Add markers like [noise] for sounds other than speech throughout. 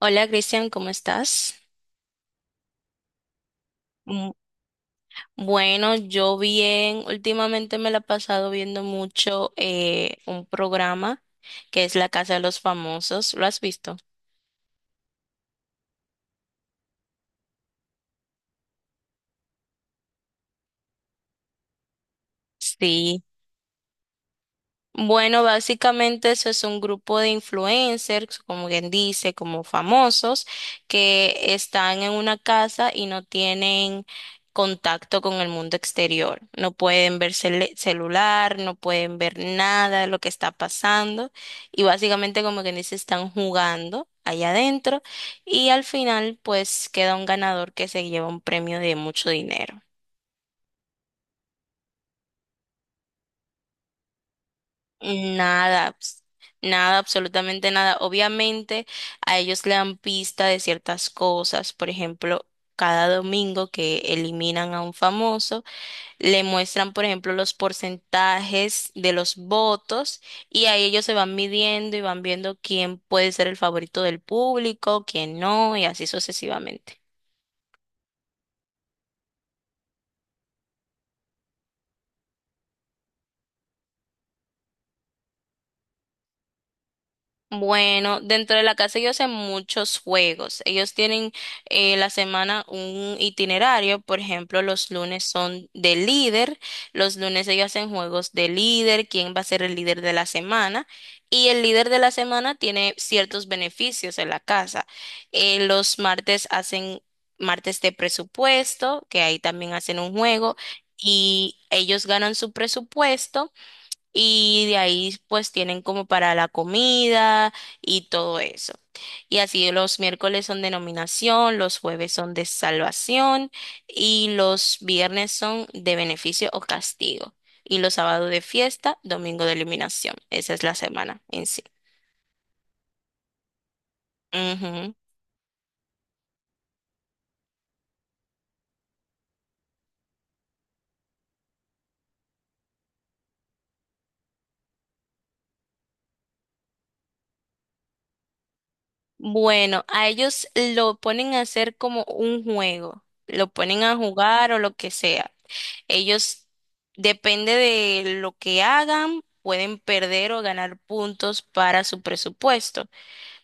Hola Cristian, ¿cómo estás? Mm, bueno, yo bien, últimamente me la he pasado viendo mucho un programa que es La Casa de los Famosos, ¿lo has visto? Sí. Bueno, básicamente eso es un grupo de influencers, como quien dice, como famosos, que están en una casa y no tienen contacto con el mundo exterior. No pueden ver celular, no pueden ver nada de lo que está pasando y básicamente, como quien dice, están jugando allá adentro y al final, pues queda un ganador que se lleva un premio de mucho dinero. Nada, nada, absolutamente nada. Obviamente a ellos le dan pista de ciertas cosas, por ejemplo, cada domingo que eliminan a un famoso, le muestran, por ejemplo, los porcentajes de los votos y ahí ellos se van midiendo y van viendo quién puede ser el favorito del público, quién no, y así sucesivamente. Bueno, dentro de la casa ellos hacen muchos juegos. Ellos tienen la semana un itinerario. Por ejemplo, los lunes son de líder. Los lunes ellos hacen juegos de líder, quién va a ser el líder de la semana. Y el líder de la semana tiene ciertos beneficios en la casa. Los martes hacen martes de presupuesto, que ahí también hacen un juego. Y ellos ganan su presupuesto y de ahí pues tienen como para la comida y todo eso. Y así los miércoles son de nominación, los jueves son de salvación y los viernes son de beneficio o castigo. Y los sábados de fiesta, domingo de eliminación. Esa es la semana en sí. Ujú. Bueno, a ellos lo ponen a hacer como un juego, lo ponen a jugar o lo que sea. Ellos, depende de lo que hagan, pueden perder o ganar puntos para su presupuesto.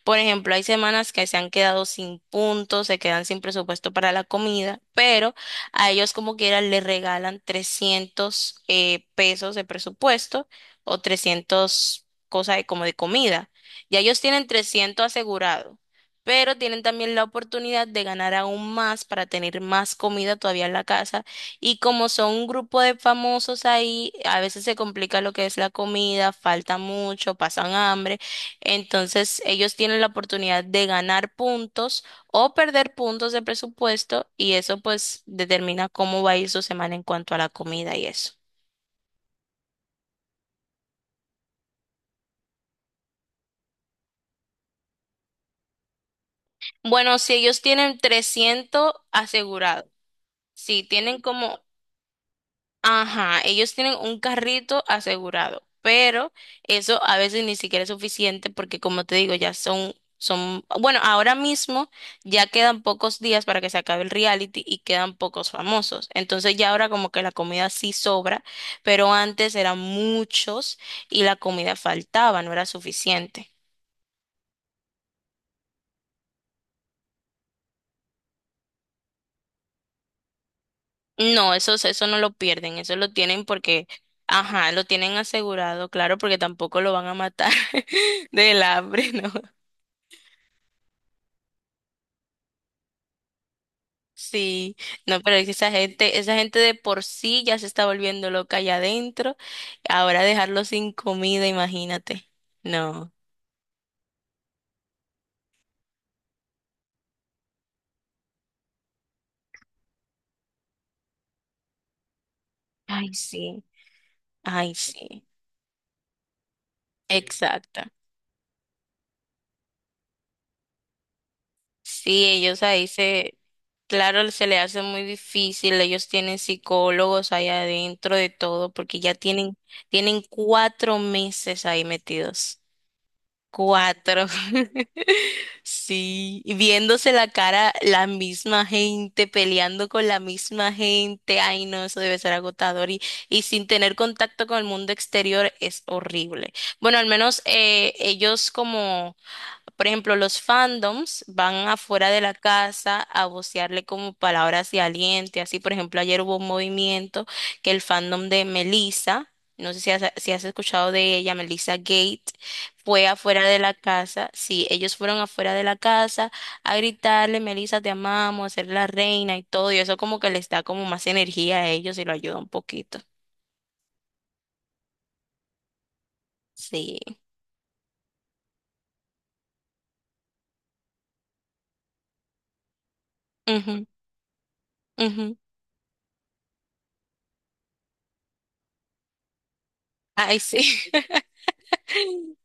Por ejemplo, hay semanas que se han quedado sin puntos, se quedan sin presupuesto para la comida, pero a ellos como quieran les regalan 300 pesos de presupuesto o 300 cosas de, como de comida. Ya ellos tienen 300 asegurado, pero tienen también la oportunidad de ganar aún más para tener más comida todavía en la casa. Y como son un grupo de famosos ahí, a veces se complica lo que es la comida, falta mucho, pasan hambre. Entonces, ellos tienen la oportunidad de ganar puntos o perder puntos de presupuesto y eso pues determina cómo va a ir su semana en cuanto a la comida y eso. Bueno, si ellos tienen 300 asegurado, si tienen como... Ajá, ellos tienen un carrito asegurado, pero eso a veces ni siquiera es suficiente porque como te digo, ya bueno, ahora mismo ya quedan pocos días para que se acabe el reality y quedan pocos famosos. Entonces ya ahora como que la comida sí sobra, pero antes eran muchos y la comida faltaba, no era suficiente. No, eso no lo pierden, eso lo tienen porque, ajá, lo tienen asegurado, claro, porque tampoco lo van a matar [laughs] del hambre, ¿no? Sí, no, pero es que esa gente de por sí ya se está volviendo loca allá adentro. Ahora dejarlo sin comida, imagínate. No. Ay, sí. Ay, sí. Exacto. Sí, ellos ahí se... Claro, se le hace muy difícil. Ellos tienen psicólogos allá adentro de todo, porque ya tienen, tienen 4 meses ahí metidos. 4. [laughs] Sí, y viéndose la cara, la misma gente, peleando con la misma gente, ay no, eso debe ser agotador y sin tener contacto con el mundo exterior es horrible. Bueno, al menos ellos como por ejemplo, los fandoms van afuera de la casa a vocearle como palabras de aliento. Así, por ejemplo, ayer hubo un movimiento que el fandom de Melissa, no sé si has, si has escuchado de ella, Melissa Gate, fue afuera de la casa. Sí, ellos fueron afuera de la casa a gritarle, Melissa, te amamos, a ser la reina y todo. Y eso como que les da como más energía a ellos y lo ayuda un poquito. Sí. Ujú, ujú. Ay, sí. [laughs]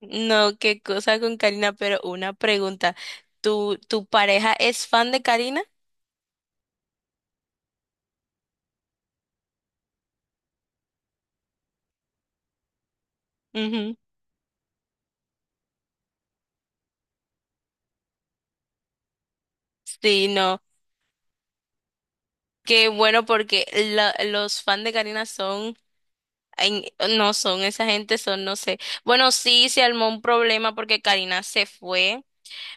No, qué cosa con Karina, pero una pregunta. ¿Tu pareja es fan de Karina? Ujú. Sí, no. Qué bueno porque los fans de Karina son, en- no son esa gente, son, no sé. Bueno, sí, se armó un problema porque Karina se fue.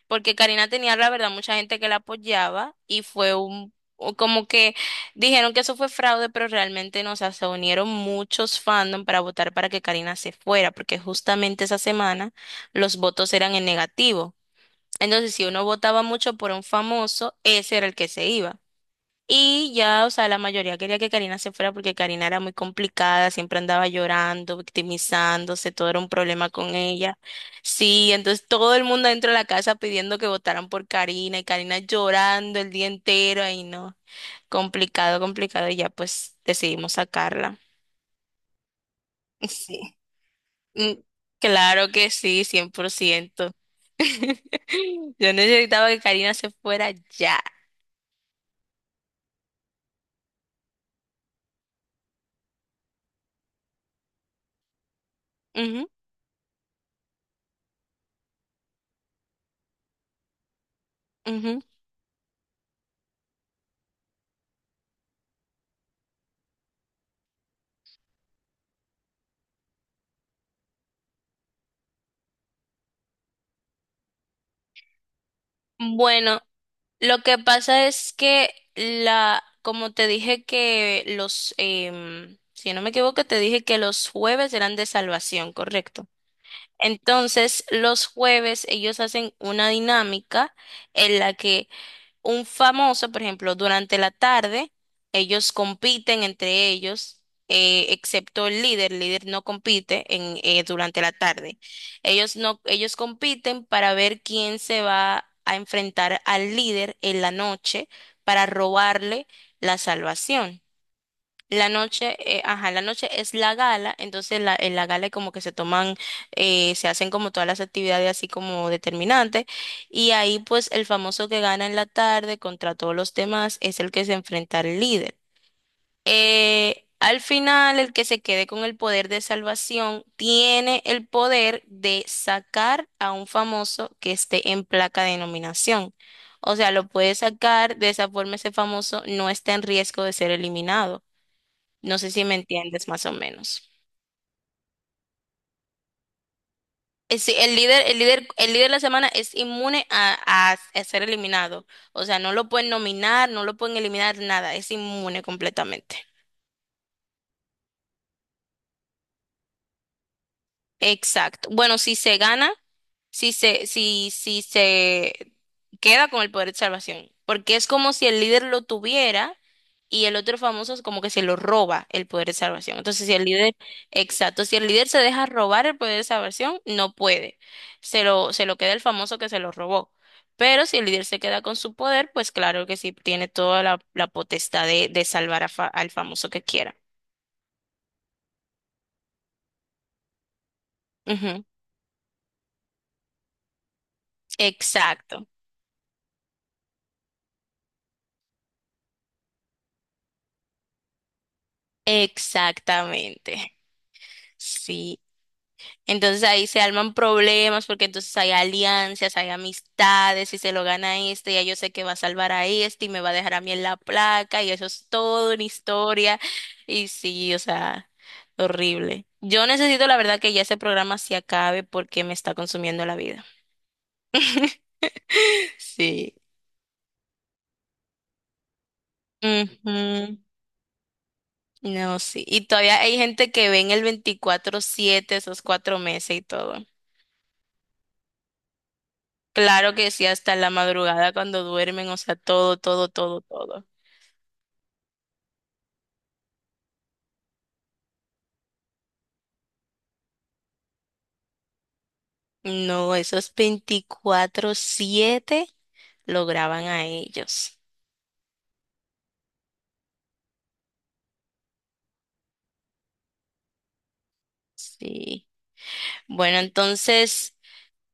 Porque Karina tenía, la verdad, mucha gente que la apoyaba y fue un, o como que dijeron que eso fue fraude, pero realmente no, o sea, se unieron muchos fandom para votar para que Karina se fuera, porque justamente esa semana los votos eran en negativo. Entonces, si uno votaba mucho por un famoso, ese era el que se iba. Y ya, o sea, la mayoría quería que Karina se fuera porque Karina era muy complicada, siempre andaba llorando, victimizándose, todo era un problema con ella. Sí, entonces todo el mundo dentro de la casa pidiendo que votaran por Karina y Karina llorando el día entero y no, complicado, complicado y ya pues decidimos sacarla. [laughs] Sí. Mm, claro que sí, 100%. [laughs] Yo necesitaba que Karina se fuera ya. Ujú, ujú. Bueno. Lo que pasa es que la, como te dije que los, si no me equivoco, te dije que los jueves eran de salvación, ¿correcto? Entonces, los jueves ellos hacen una dinámica en la que un famoso, por ejemplo, durante la tarde, ellos compiten entre ellos, excepto el líder no compite en, durante la tarde. Ellos no, ellos compiten para ver quién se va a enfrentar al líder en la noche para robarle la salvación. La noche, ajá, la noche es la gala, entonces la, en la gala es como que se toman, se hacen como todas las actividades así como determinantes, y ahí pues el famoso que gana en la tarde contra todos los demás es el que se enfrenta al líder. Al final, el que se quede con el poder de salvación tiene el poder de sacar a un famoso que esté en placa de nominación. O sea, lo puede sacar, de esa forma ese famoso no está en riesgo de ser eliminado. No sé si me entiendes más o menos. Sí, el líder de la semana es inmune a, a ser eliminado. O sea, no lo pueden nominar, no lo pueden eliminar, nada. Es inmune completamente. Exacto. Bueno, si se gana, si se queda con el poder de salvación, porque es como si el líder lo tuviera y el otro famoso es como que se lo roba el poder de salvación. Entonces, si el líder, exacto, si el líder se deja robar el poder de salvación, no puede. Se lo queda el famoso que se lo robó. Pero si el líder se queda con su poder, pues claro que sí tiene toda la, la potestad de salvar a al famoso que quiera. Ujú. Exacto. Exactamente. Sí, entonces ahí se alman problemas porque entonces hay alianzas, hay amistades, y se lo gana este, ya yo sé que va a salvar a este y me va a dejar a mí en la placa y eso es todo una historia y sí, o sea, horrible. Yo necesito la verdad que ya ese programa se acabe porque me está consumiendo la vida. [laughs] Sí. Ujú. No, sí. Y todavía hay gente que ve en el 24/7 esos 4 meses y todo. Claro que sí, hasta la madrugada cuando duermen, o sea, todo, todo, todo, todo. No, esos 24/7 lo graban a ellos. Sí. Bueno, entonces,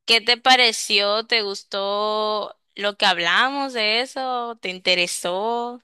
¿qué te pareció? ¿Te gustó lo que hablamos de eso? ¿Te interesó?